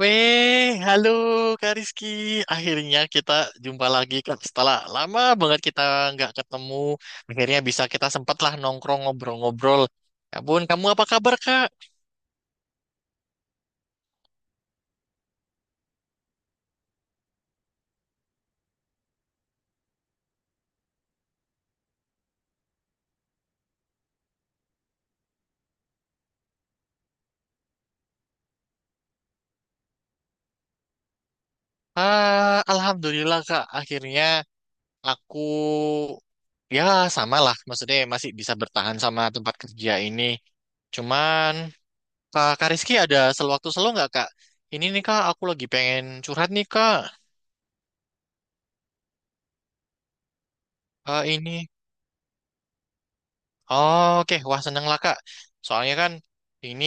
Weh, halo Kak Rizky. Akhirnya kita jumpa lagi Kak. Setelah lama banget kita nggak ketemu, akhirnya bisa kita sempatlah nongkrong ngobrol-ngobrol. Ya ampun, kamu apa kabar Kak? Ah, Alhamdulillah Kak. Akhirnya aku ya sama lah. Maksudnya masih bisa bertahan sama tempat kerja ini. Cuman Kak, Kak Rizky ada sewaktu selo nggak Kak? Ini nih Kak, aku lagi pengen curhat nih Kak. Ah, ini. Oh, oke, wah seneng lah Kak. Soalnya kan ini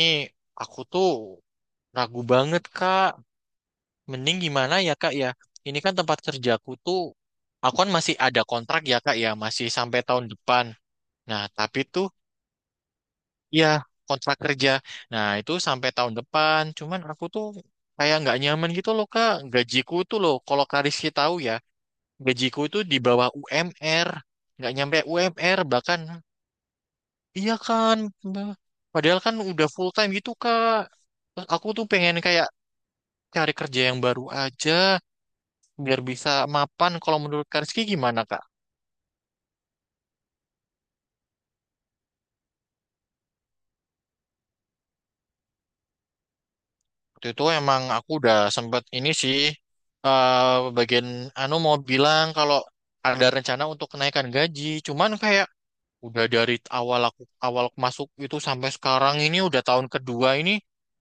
aku tuh ragu banget Kak. Mending gimana ya Kak ya? Ini kan tempat kerjaku tuh, aku kan masih ada kontrak ya Kak ya, masih sampai tahun depan. Nah, tapi tuh ya kontrak kerja. Nah, itu sampai tahun depan. Cuman aku tuh kayak nggak nyaman gitu loh Kak. Gajiku tuh loh, kalau Kak Rizky tahu ya, gajiku itu di bawah UMR. Nggak nyampe UMR bahkan. Iya kan, Mbak. Padahal kan udah full time gitu Kak. Terus aku tuh pengen kayak cari kerja yang baru aja biar bisa mapan. Kalau menurut Kak Rizky gimana Kak? Waktu itu emang aku udah sempet ini sih eh bagian anu mau bilang kalau ada rencana untuk kenaikan gaji. Cuman kayak udah dari awal aku masuk itu sampai sekarang ini udah tahun kedua ini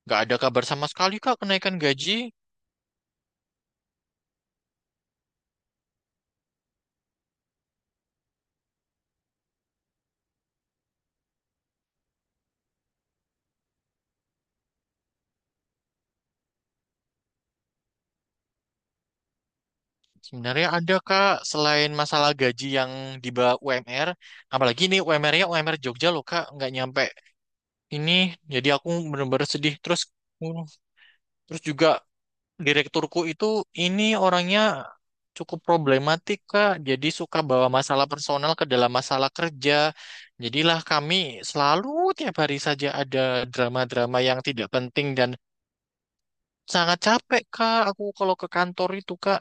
nggak ada kabar sama sekali Kak kenaikan gaji. Sebenarnya ada Kak, selain masalah gaji yang di bawah UMR, apalagi ini UMR-nya UMR Jogja loh Kak, nggak nyampe ini, jadi aku bener-bener sedih. Uh, terus, juga direkturku itu ini orangnya cukup problematik Kak, jadi suka bawa masalah personal ke dalam masalah kerja. Jadilah kami selalu tiap hari saja ada drama-drama yang tidak penting dan sangat capek Kak, aku kalau ke kantor itu Kak.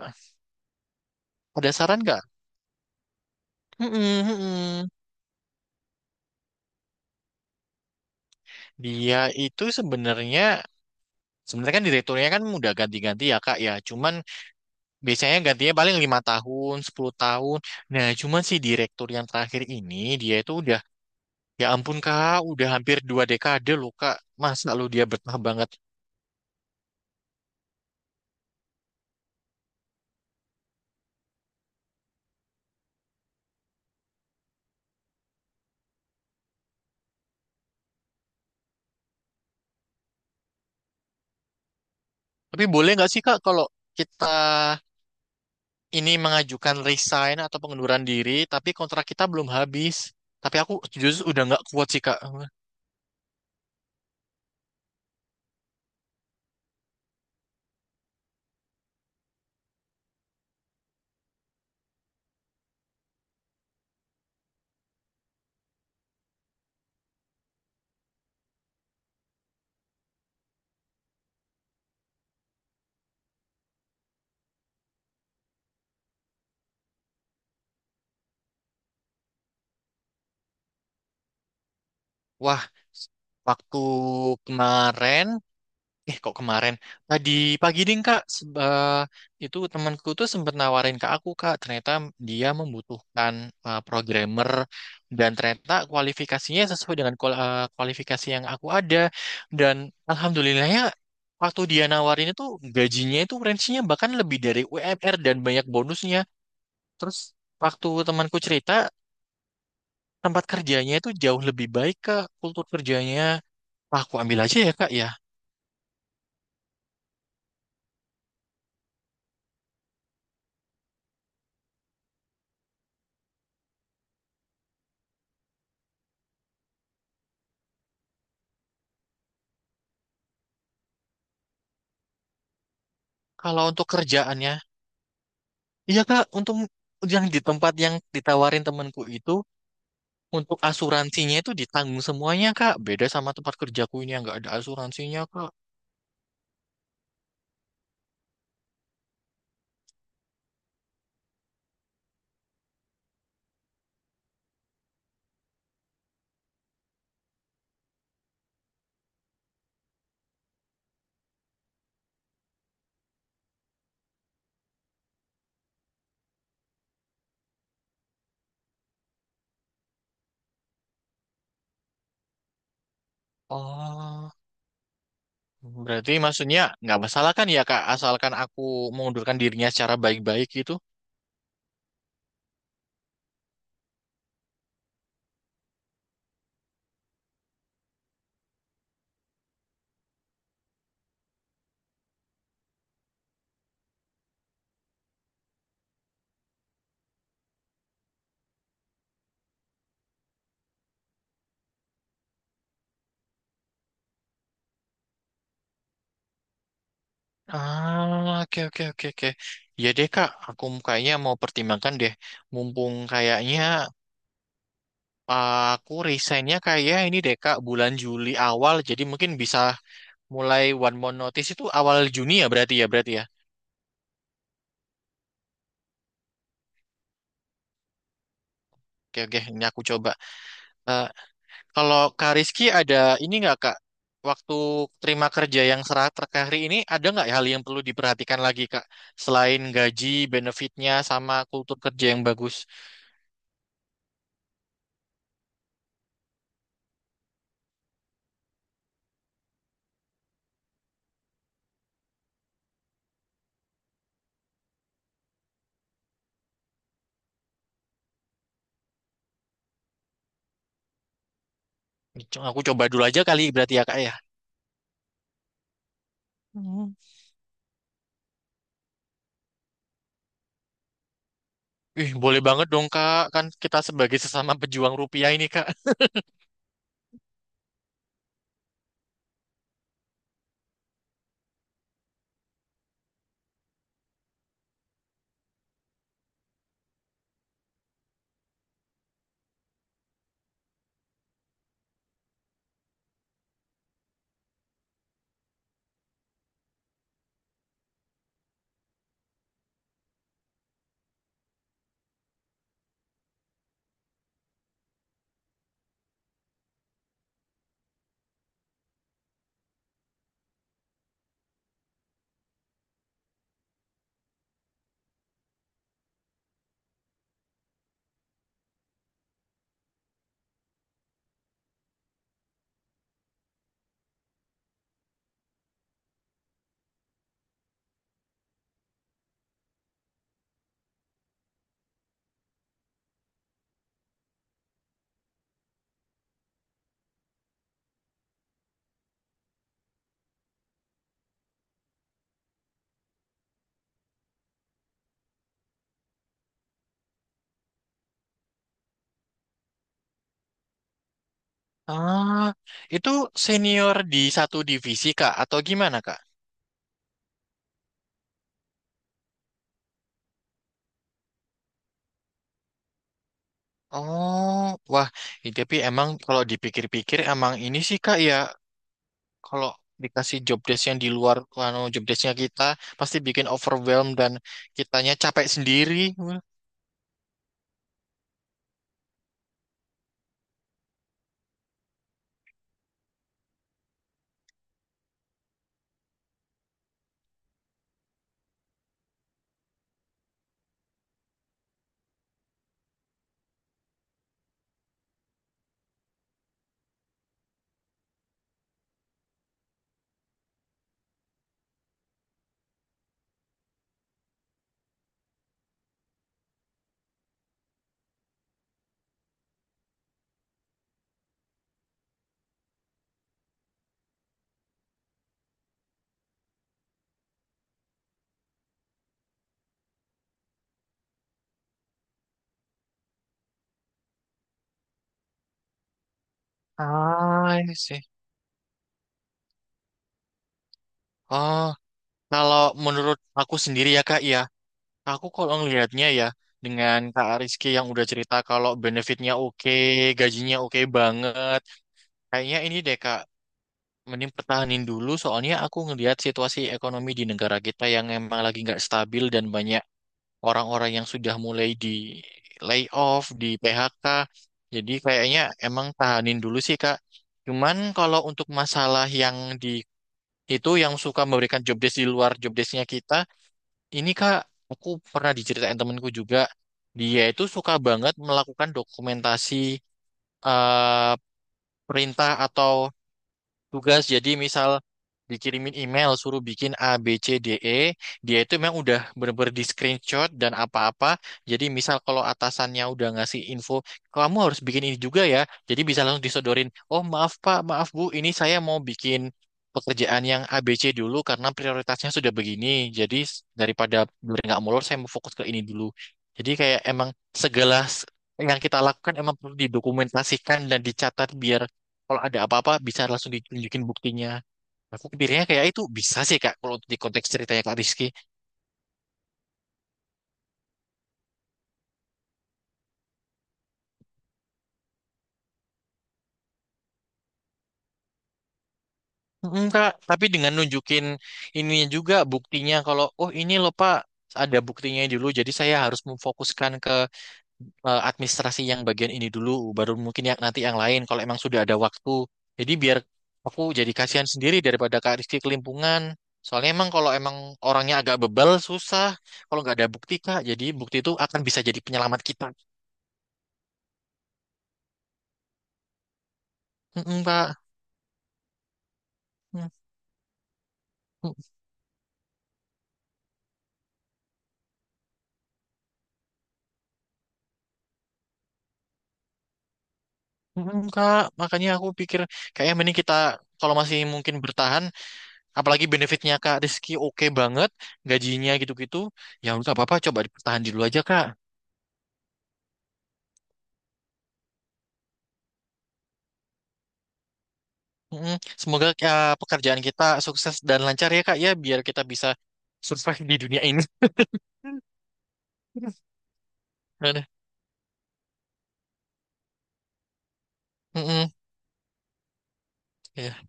Ada saran nggak? Mm-mm, mm-mm. Dia itu sebenarnya sebenarnya kan direkturnya kan udah ganti-ganti ya Kak ya. Cuman biasanya gantinya paling 5 tahun, 10 tahun. Nah, cuman si direktur yang terakhir ini dia itu udah, ya ampun Kak, udah hampir 2 dekade loh Kak. Masa lu dia betah banget. Tapi boleh nggak sih Kak kalau kita ini mengajukan resign atau pengunduran diri tapi kontrak kita belum habis. Tapi aku justru udah nggak kuat sih Kak. Wah, waktu kemarin, kok kemarin tadi pagi ding kak, itu temanku tuh sempet nawarin ke aku kak, ternyata dia membutuhkan programmer dan ternyata kualifikasinya sesuai dengan kualifikasi yang aku ada, dan alhamdulillahnya waktu dia nawarin itu gajinya itu range-nya bahkan lebih dari UMR dan banyak bonusnya. Terus waktu temanku cerita, tempat kerjanya itu jauh lebih baik kak, kultur kerjanya. Wah, aku ambil aja ya kak ya. Kalau untuk kerjaannya, iya Kak, untung yang di tempat yang ditawarin temanku itu untuk asuransinya itu ditanggung semuanya Kak. Beda sama tempat kerjaku ini yang nggak ada asuransinya Kak. Oh, berarti maksudnya nggak masalah kan ya Kak, asalkan aku mengundurkan dirinya secara baik-baik gitu. Ah, oke oke oke oke. Ya deh Kak, aku kayaknya mau pertimbangkan deh. Mumpung kayaknya aku resignnya kayak ini deh Kak, bulan Juli awal, jadi mungkin bisa. Mulai one month notice itu awal Juni ya berarti ya. Oke oke, ini aku coba. Eh, kalau Kak Rizky ada ini nggak Kak? Waktu terima kerja yang serah terakhir hari ini ada nggak hal yang perlu diperhatikan lagi Kak? Selain gaji, benefitnya, sama kultur kerja yang bagus. Aku coba dulu aja kali berarti ya Kak ya. Hmm. Ih, boleh banget dong Kak. Kan kita sebagai sesama pejuang rupiah ini Kak. Ah, itu senior di satu divisi Kak atau gimana Kak? Oh, wah, tapi emang kalau dipikir-pikir emang ini sih Kak ya, kalau dikasih job desk yang di luar anu job desknya kita pasti bikin overwhelm dan kitanya capek sendiri. Ah, ini sih. Oh, kalau menurut aku sendiri ya Kak ya, aku kalau ngelihatnya ya dengan Kak Rizky yang udah cerita kalau benefitnya oke, gajinya oke banget. Kayaknya ini deh Kak, mending pertahanin dulu, soalnya aku ngelihat situasi ekonomi di negara kita yang emang lagi nggak stabil dan banyak orang-orang yang sudah mulai di layoff, di PHK. Jadi kayaknya emang tahanin dulu sih, Kak. Cuman kalau untuk masalah yang di itu yang suka memberikan job desk di luar job desknya kita, ini Kak, aku pernah diceritain temenku juga, dia itu suka banget melakukan dokumentasi eh, perintah atau tugas. Jadi misal dikirimin email suruh bikin A B C D E, dia itu memang udah bener-bener di screenshot dan apa-apa. Jadi misal kalau atasannya udah ngasih info kamu harus bikin ini juga ya, jadi bisa langsung disodorin, oh maaf Pak maaf Bu, ini saya mau bikin pekerjaan yang A B C dulu karena prioritasnya sudah begini, jadi daripada biar nggak molor, saya mau fokus ke ini dulu. Jadi kayak emang segala yang kita lakukan emang perlu didokumentasikan dan dicatat biar kalau ada apa-apa bisa langsung ditunjukin buktinya. Nah, aku pikirnya kayak "Ah, itu bisa sih Kak kalau di konteks ceritanya Kak Rizky." Mm, Kak, tapi dengan nunjukin ininya juga buktinya kalau oh ini loh Pak, ada buktinya dulu jadi saya harus memfokuskan ke administrasi yang bagian ini dulu, baru mungkin yang nanti yang lain kalau emang sudah ada waktu. Jadi biar aku jadi kasihan sendiri daripada Kak Rizky kelimpungan. Soalnya emang kalau emang orangnya agak bebal, susah kalau nggak ada bukti Kak. Jadi bukti itu akan bisa jadi penyelamat kita. Mm, Pak. Mm, Kak, makanya aku pikir kayaknya mending kita kalau masih mungkin bertahan, apalagi benefitnya Kak Rizky oke banget, gajinya gitu-gitu, ya udah nggak apa-apa coba dipertahan dulu aja Kak. Mm, semoga pekerjaan kita sukses dan lancar ya Kak ya, biar kita bisa survive di dunia ini. Aduh, mm-mm. Ya,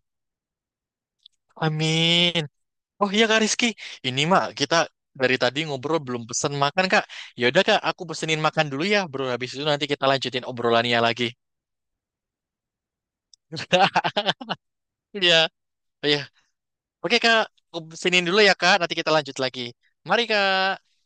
Amin. Oh iya Kak Rizky, ini mah kita dari tadi ngobrol belum pesen makan Kak. Ya udah Kak, aku pesenin makan dulu ya, bro. Habis itu nanti kita lanjutin obrolannya lagi. Iya. Oh iya. Oke, Kak. Aku siniin dulu ya, Kak. Nanti kita lanjut lagi. Mari, Kak.